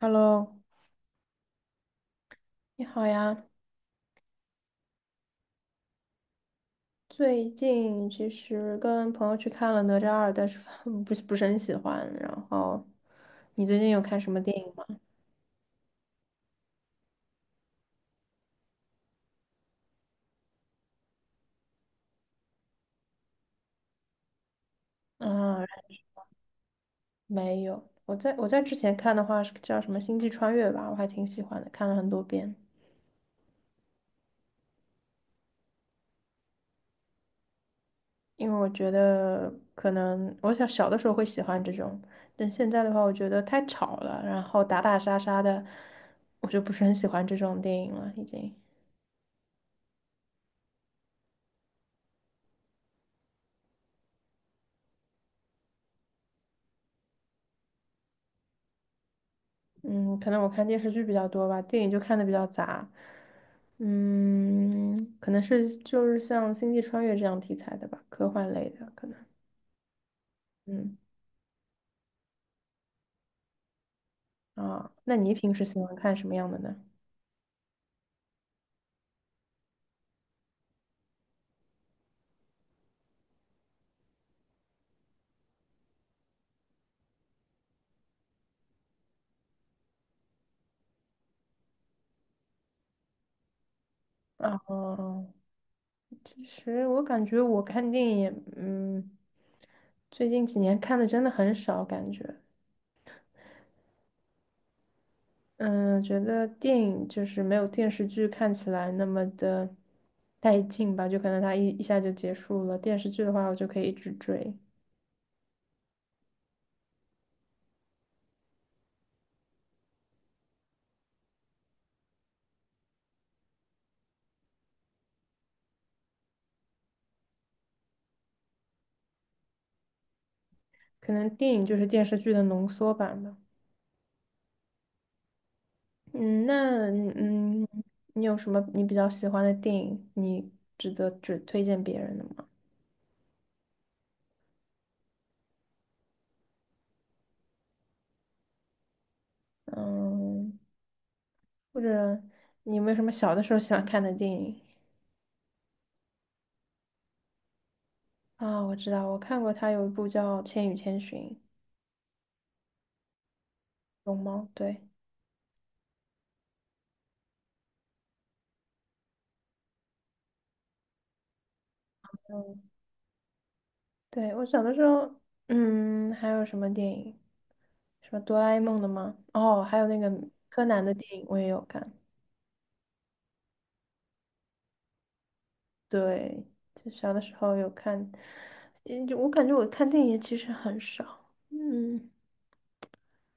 Hello，你好呀。最近其实跟朋友去看了《哪吒二》，但是 不是很喜欢。然后，你最近有看什么电影吗？啊，没有。我在之前看的话是叫什么《星际穿越》吧，我还挺喜欢的，看了很多遍。因为我觉得可能我想小的时候会喜欢这种，但现在的话，我觉得太吵了，然后打打杀杀的，我就不是很喜欢这种电影了，已经。嗯，可能我看电视剧比较多吧，电影就看的比较杂。嗯，可能是就是像《星际穿越》这样题材的吧，科幻类的可能。嗯啊，那你平时喜欢看什么样的呢？啊，其实我感觉我看电影也最近几年看的真的很少，感觉，嗯，觉得电影就是没有电视剧看起来那么的带劲吧，就可能它一下就结束了，电视剧的话我就可以一直追。可能电影就是电视剧的浓缩版吧。嗯，那嗯，你有什么你比较喜欢的电影，你值得只推荐别人的吗？嗯，或者你有没有什么小的时候喜欢看的电影啊？我知道，我看过他有一部叫《千与千寻》，龙猫，对，嗯，对，我小的时候，嗯，还有什么电影？什么哆啦 A 梦的吗？哦，还有那个柯南的电影我也有看。对，就小的时候有看，嗯，就我感觉我看电影其实很少，嗯，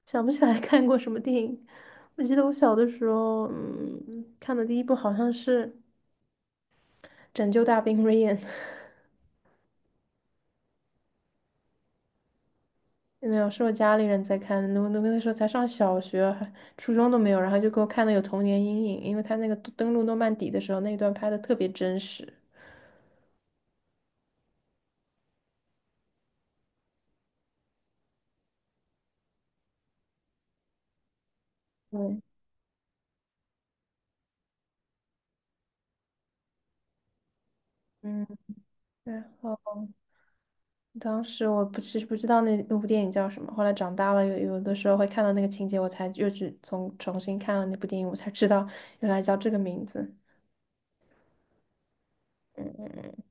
想不起来 看过什么电影。我记得我小的时候，嗯，看的第一部好像是《拯救大兵瑞恩》，没有，是我家里人在看的。我那个时候才上小学，还初中都没有，然后就给我看的有童年阴影，因为他那个登陆诺曼底的时候那一段拍的特别真实。对，嗯，然后。当时我不其实不知道那部电影叫什么，后来长大了有的时候会看到那个情节，我才又去重新看了那部电影，我才知道原来叫这个名字。嗯，嗯嗯，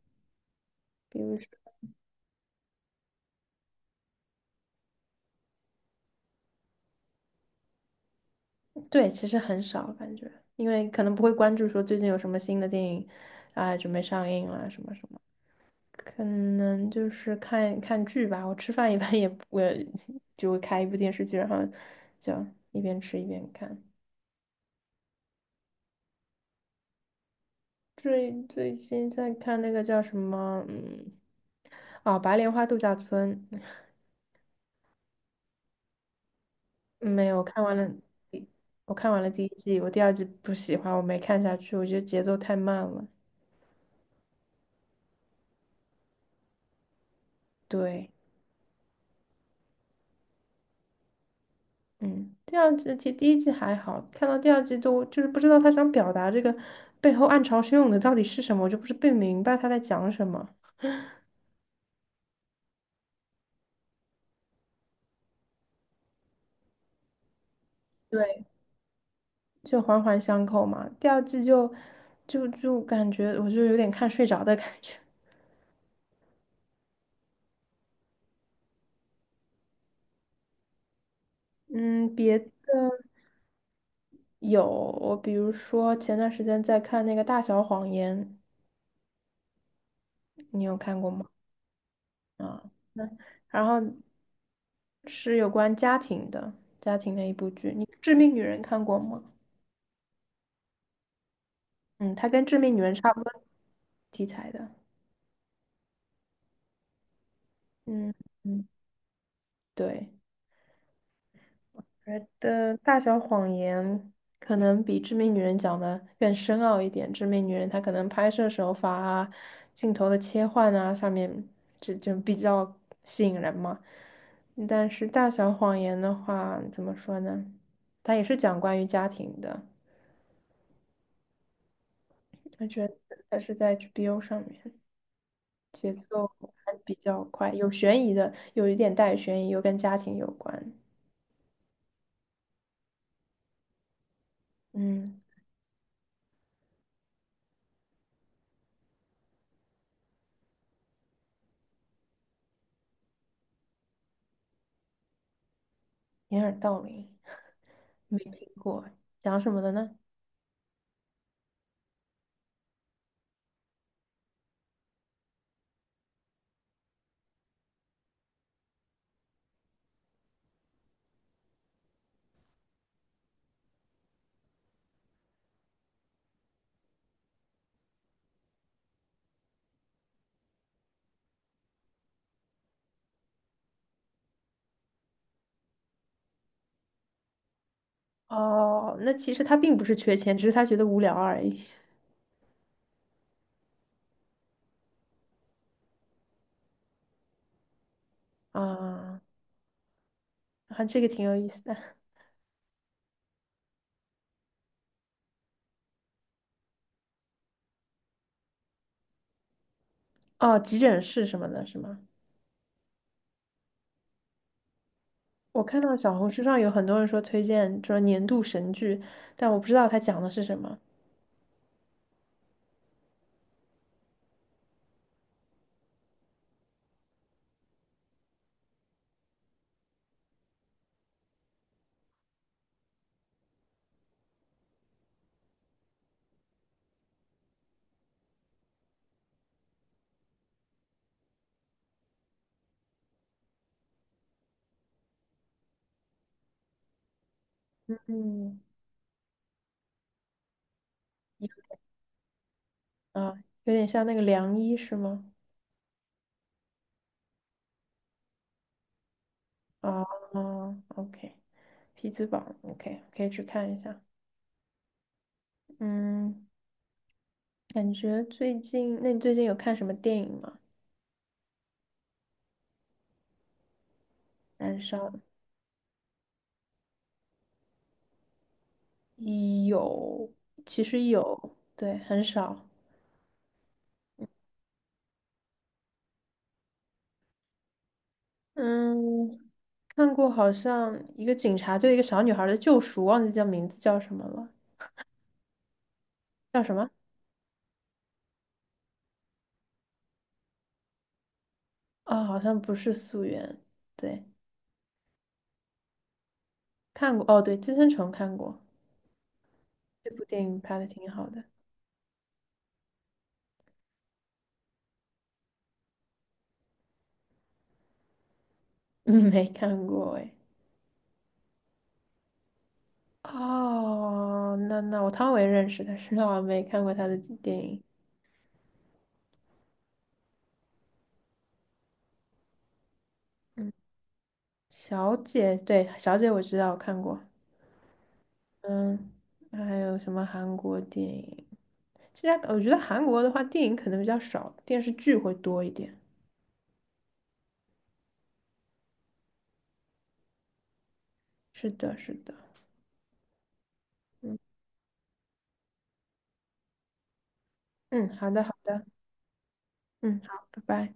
比如说，对，其实很少感觉，因为可能不会关注说最近有什么新的电影啊、准备上映了什么什么，可能就是看看剧吧。我吃饭一般我就会开一部电视剧，然后就一边吃一边看。最近在看那个叫什么，嗯，哦，《白莲花度假村》，没有看完了，我看完了第一季，我第二季不喜欢，我没看下去，我觉得节奏太慢了。对，嗯，第二季其实第一季还好，看到第二季都就是不知道他想表达这个背后暗潮汹涌的到底是什么，我就不是不明白他在讲什么。对，就环环相扣嘛。第二季就就感觉我就有点看睡着的感觉。嗯，别的有，我比如说前段时间在看那个《大小谎言》，你有看过吗？啊，那然后是有关家庭的，家庭的一部剧。你《致命女人》看过吗？嗯，它跟《致命女人》差不多题材的。嗯嗯，对。觉得《大小谎言》可能比《致命女人》讲的更深奥一点，《致命女人》她可能拍摄手法啊、镜头的切换啊上面就比较吸引人嘛。但是《大小谎言》的话，怎么说呢？它也是讲关于家庭的，我觉得它是在 HBO 上面，节奏还比较快，有悬疑的，有一点带悬疑，又跟家庭有关。嗯。掩耳盗铃，没听过，讲什么的呢？哦，那其实他并不是缺钱，只是他觉得无聊而已。啊，啊，这个挺有意思的。哦，急诊室什么的，是吗？我看到小红书上有很多人说推荐，说年度神剧，但我不知道它讲的是什么。嗯，啊，有点像那个良医是吗？啊，OK，匹兹堡，OK，可以去看一下。嗯，感觉最近，那你最近有看什么电影吗？燃烧。有，其实有，对，很少。嗯，看过好像一个警察对一个小女孩的救赎，忘记叫名字叫什么了，叫什么？啊、好像不是《素媛。对，看过。哦，对，《寄生虫》看过，这部电影拍的挺好的。嗯，没看过哎。哦，那那我汤唯认识，但是 我没看过她的电影。嗯，小姐，对，小姐我知道，我看过。嗯，那还有什么韩国电影？其实我觉得韩国的话，电影可能比较少，电视剧会多一点。是的，是的。嗯嗯，好的，好的。嗯，好，拜拜。